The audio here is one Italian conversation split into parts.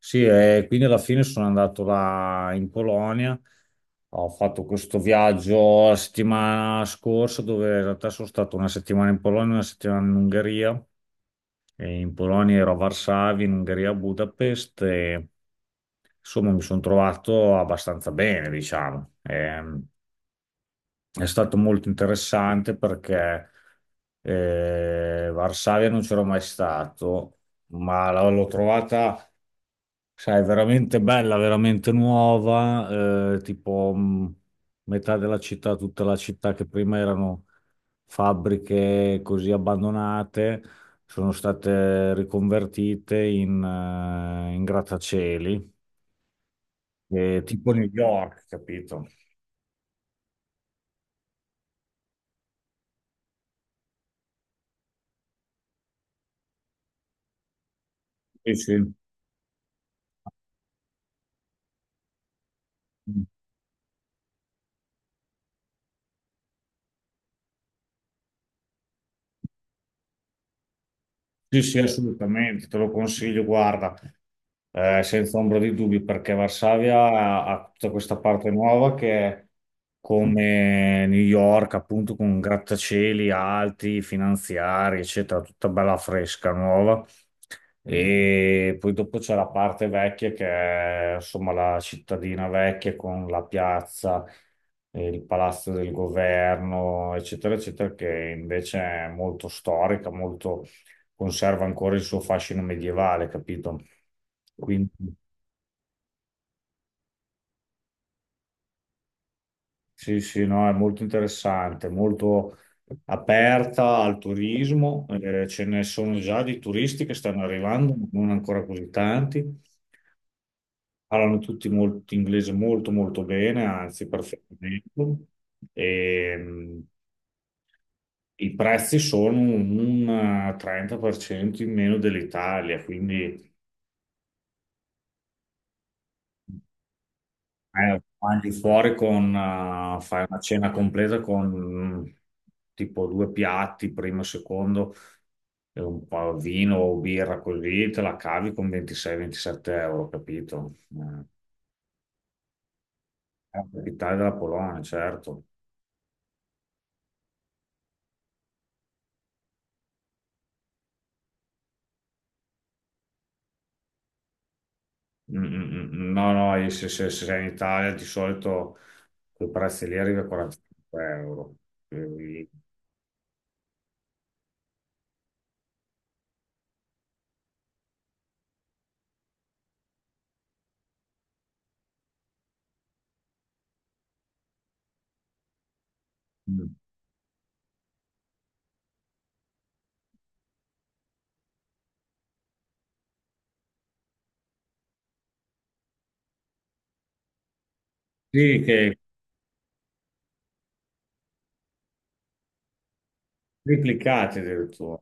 Sì, e quindi alla fine sono andato là in Polonia. Ho fatto questo viaggio la settimana scorsa, dove in realtà sono stato una settimana in Polonia, una settimana in Ungheria. E in Polonia ero a Varsavia, in Ungheria a Budapest. E... insomma, mi sono trovato abbastanza bene, diciamo. È stato molto interessante perché Varsavia non c'ero mai stato, ma l'ho trovata, sai, veramente bella, veramente nuova, tipo metà della città, tutta la città che prima erano fabbriche così abbandonate, sono state riconvertite in, in grattacieli, tipo New York, capito? Sì, sì, sì, sì, assolutamente, te lo consiglio, guarda. Senza ombra di dubbi, perché Varsavia ha, ha tutta questa parte nuova che è come New York, appunto, con grattacieli alti, finanziari, eccetera, tutta bella fresca, nuova. E poi dopo c'è la parte vecchia che è insomma la cittadina vecchia con la piazza, il palazzo del governo, eccetera, eccetera, che invece è molto storica, molto conserva ancora il suo fascino medievale, capito? Quindi sì, sì, no, è molto interessante, molto aperta al turismo, ce ne sono già di turisti che stanno arrivando, non ancora così tanti. Parlano tutti molto, inglese molto molto bene, anzi perfettamente. E, i prezzi sono un 30% in meno dell'Italia, quindi mangi fuori con, fai una cena completa con mh, tipo due piatti, primo e secondo, e un po' vino o birra così, te la cavi con 26-27 euro, capito? È la capitale della Polonia, certo. Mm, mm, mm. No, no, e se, se sei in Italia di solito quei prezzi lì arriva a 45 euro. Quindi- Mm. Sì, che triplicati addirittura.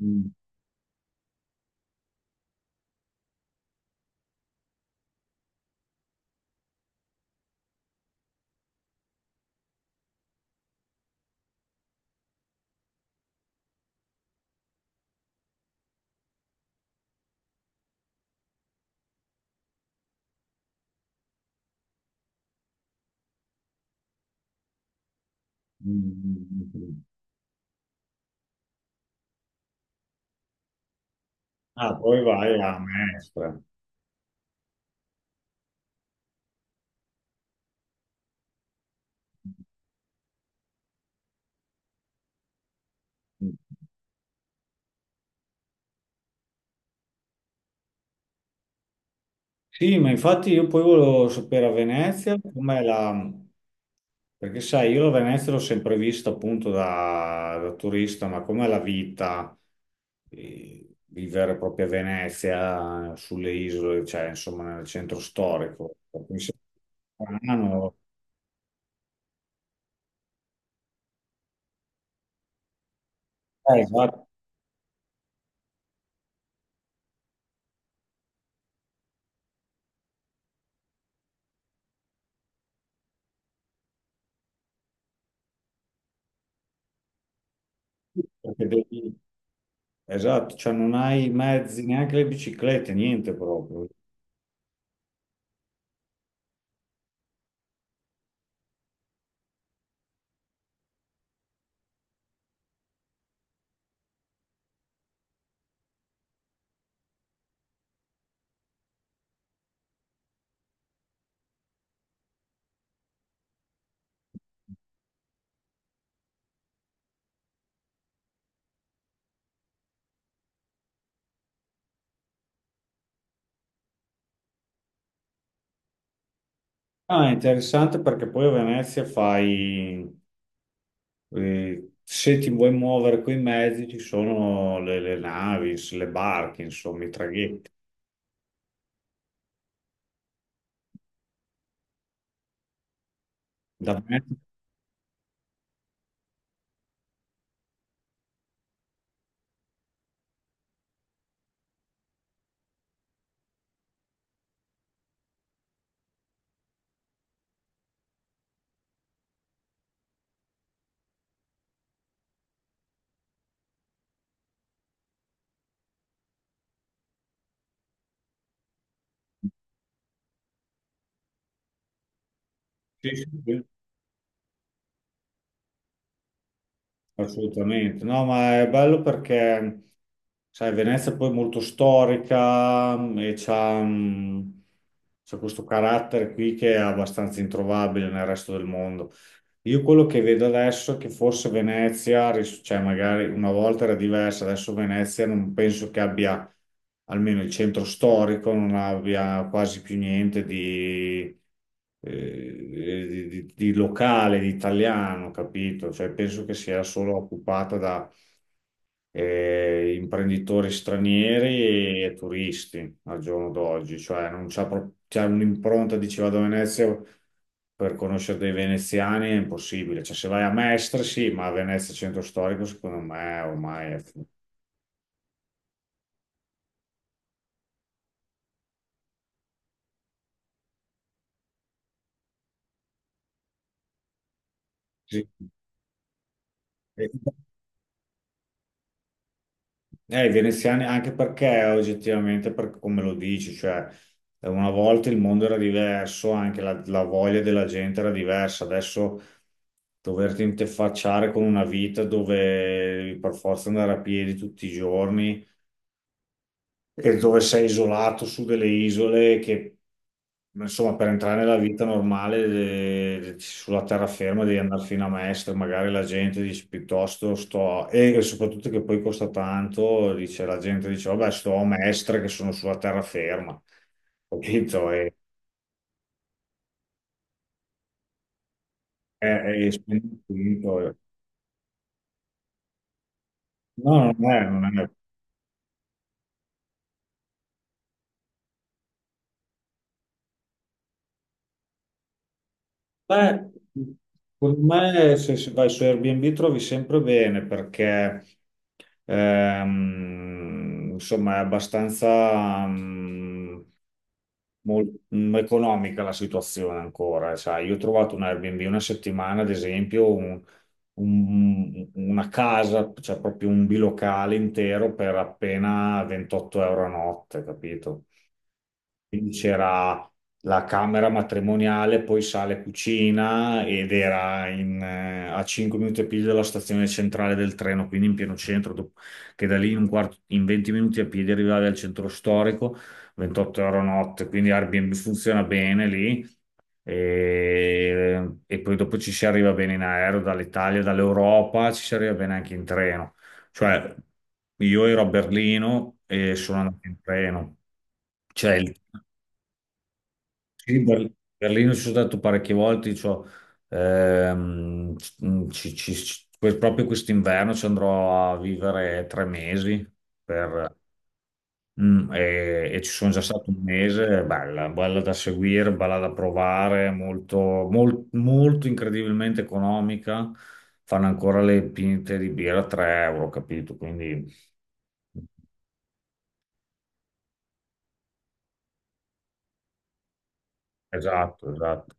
Mm, mm, mm, mm. Ah, poi vai a Mestre. Mm. Sì, ma infatti io poi volevo sapere a Venezia com'è la... Perché sai, io la Venezia l'ho sempre vista appunto da, da turista, ma com'è la vita, vivere proprio a Venezia, sulle isole, cioè insomma nel centro storico. Mi sembra strano. Esatto, perché esatto, cioè non hai mezzi, neanche le biciclette, niente proprio. Ah, è interessante perché poi a Venezia fai... se ti vuoi muovere coi mezzi, ci sono le navi, le barche, insomma, i traghetti. Da me- sì, sì, sì, assolutamente. No, ma è bello perché. Sai, Venezia poi è molto storica mm, e c'ha mm, c'ha questo carattere qui che è abbastanza introvabile nel resto del mondo. Io quello che vedo adesso è che forse Venezia, cioè magari una volta era diversa, adesso Venezia non penso che abbia, almeno il centro storico, non abbia quasi più niente di, eh, di, di locale, di italiano, capito? Cioè penso che sia solo occupata da imprenditori stranieri e turisti al giorno d'oggi, cioè non c'è c'è un'impronta di ci vado a Venezia per conoscere dei veneziani è impossibile, cioè se vai a Mestre sì, ma a Venezia centro storico secondo me ormai è... fu- Sì. I veneziani, anche perché oggettivamente, per come lo dici, cioè una volta il mondo era diverso, anche la, la voglia della gente era diversa. Adesso doverti interfacciare con una vita dove per forza andare a piedi tutti i giorni e dove sei isolato su delle isole che, insomma, per entrare nella vita normale sulla terraferma devi andare fino a Mestre, magari la gente dice piuttosto sto, e soprattutto che poi costa tanto, dice, la gente dice, vabbè, sto a Mestre che sono sulla terraferma, capito? E spendi tutto. No, non è, non è. Beh, secondo me se, se vai su Airbnb trovi sempre bene perché insomma è abbastanza mm, mm, economica la situazione ancora. Sai, io ho trovato un Airbnb una settimana, ad esempio, una casa, cioè proprio un bilocale intero per appena 28 euro a notte, capito? Quindi c'era la camera matrimoniale, poi sale cucina ed era in, a 5 minuti a piedi dalla stazione centrale del treno, quindi in pieno centro, che da lì in, un quarto, in 20 minuti a piedi arrivavi al centro storico, 28 euro notte, quindi Airbnb funziona bene lì e poi dopo ci si arriva bene in aereo dall'Italia, dall'Europa, ci si arriva bene anche in treno. Cioè, io ero a Berlino e sono andato in treno. Cioè, sì, Berlino ci sono stato parecchie volte, cioè, ehm, proprio quest'inverno ci andrò a vivere 3 mesi per- e ci sono già stato 1 mese, è bella, bella da seguire, bella da provare, molto, molto incredibilmente economica, fanno ancora le pinte di birra a 3 euro, capito? Quindi esatto, esatto.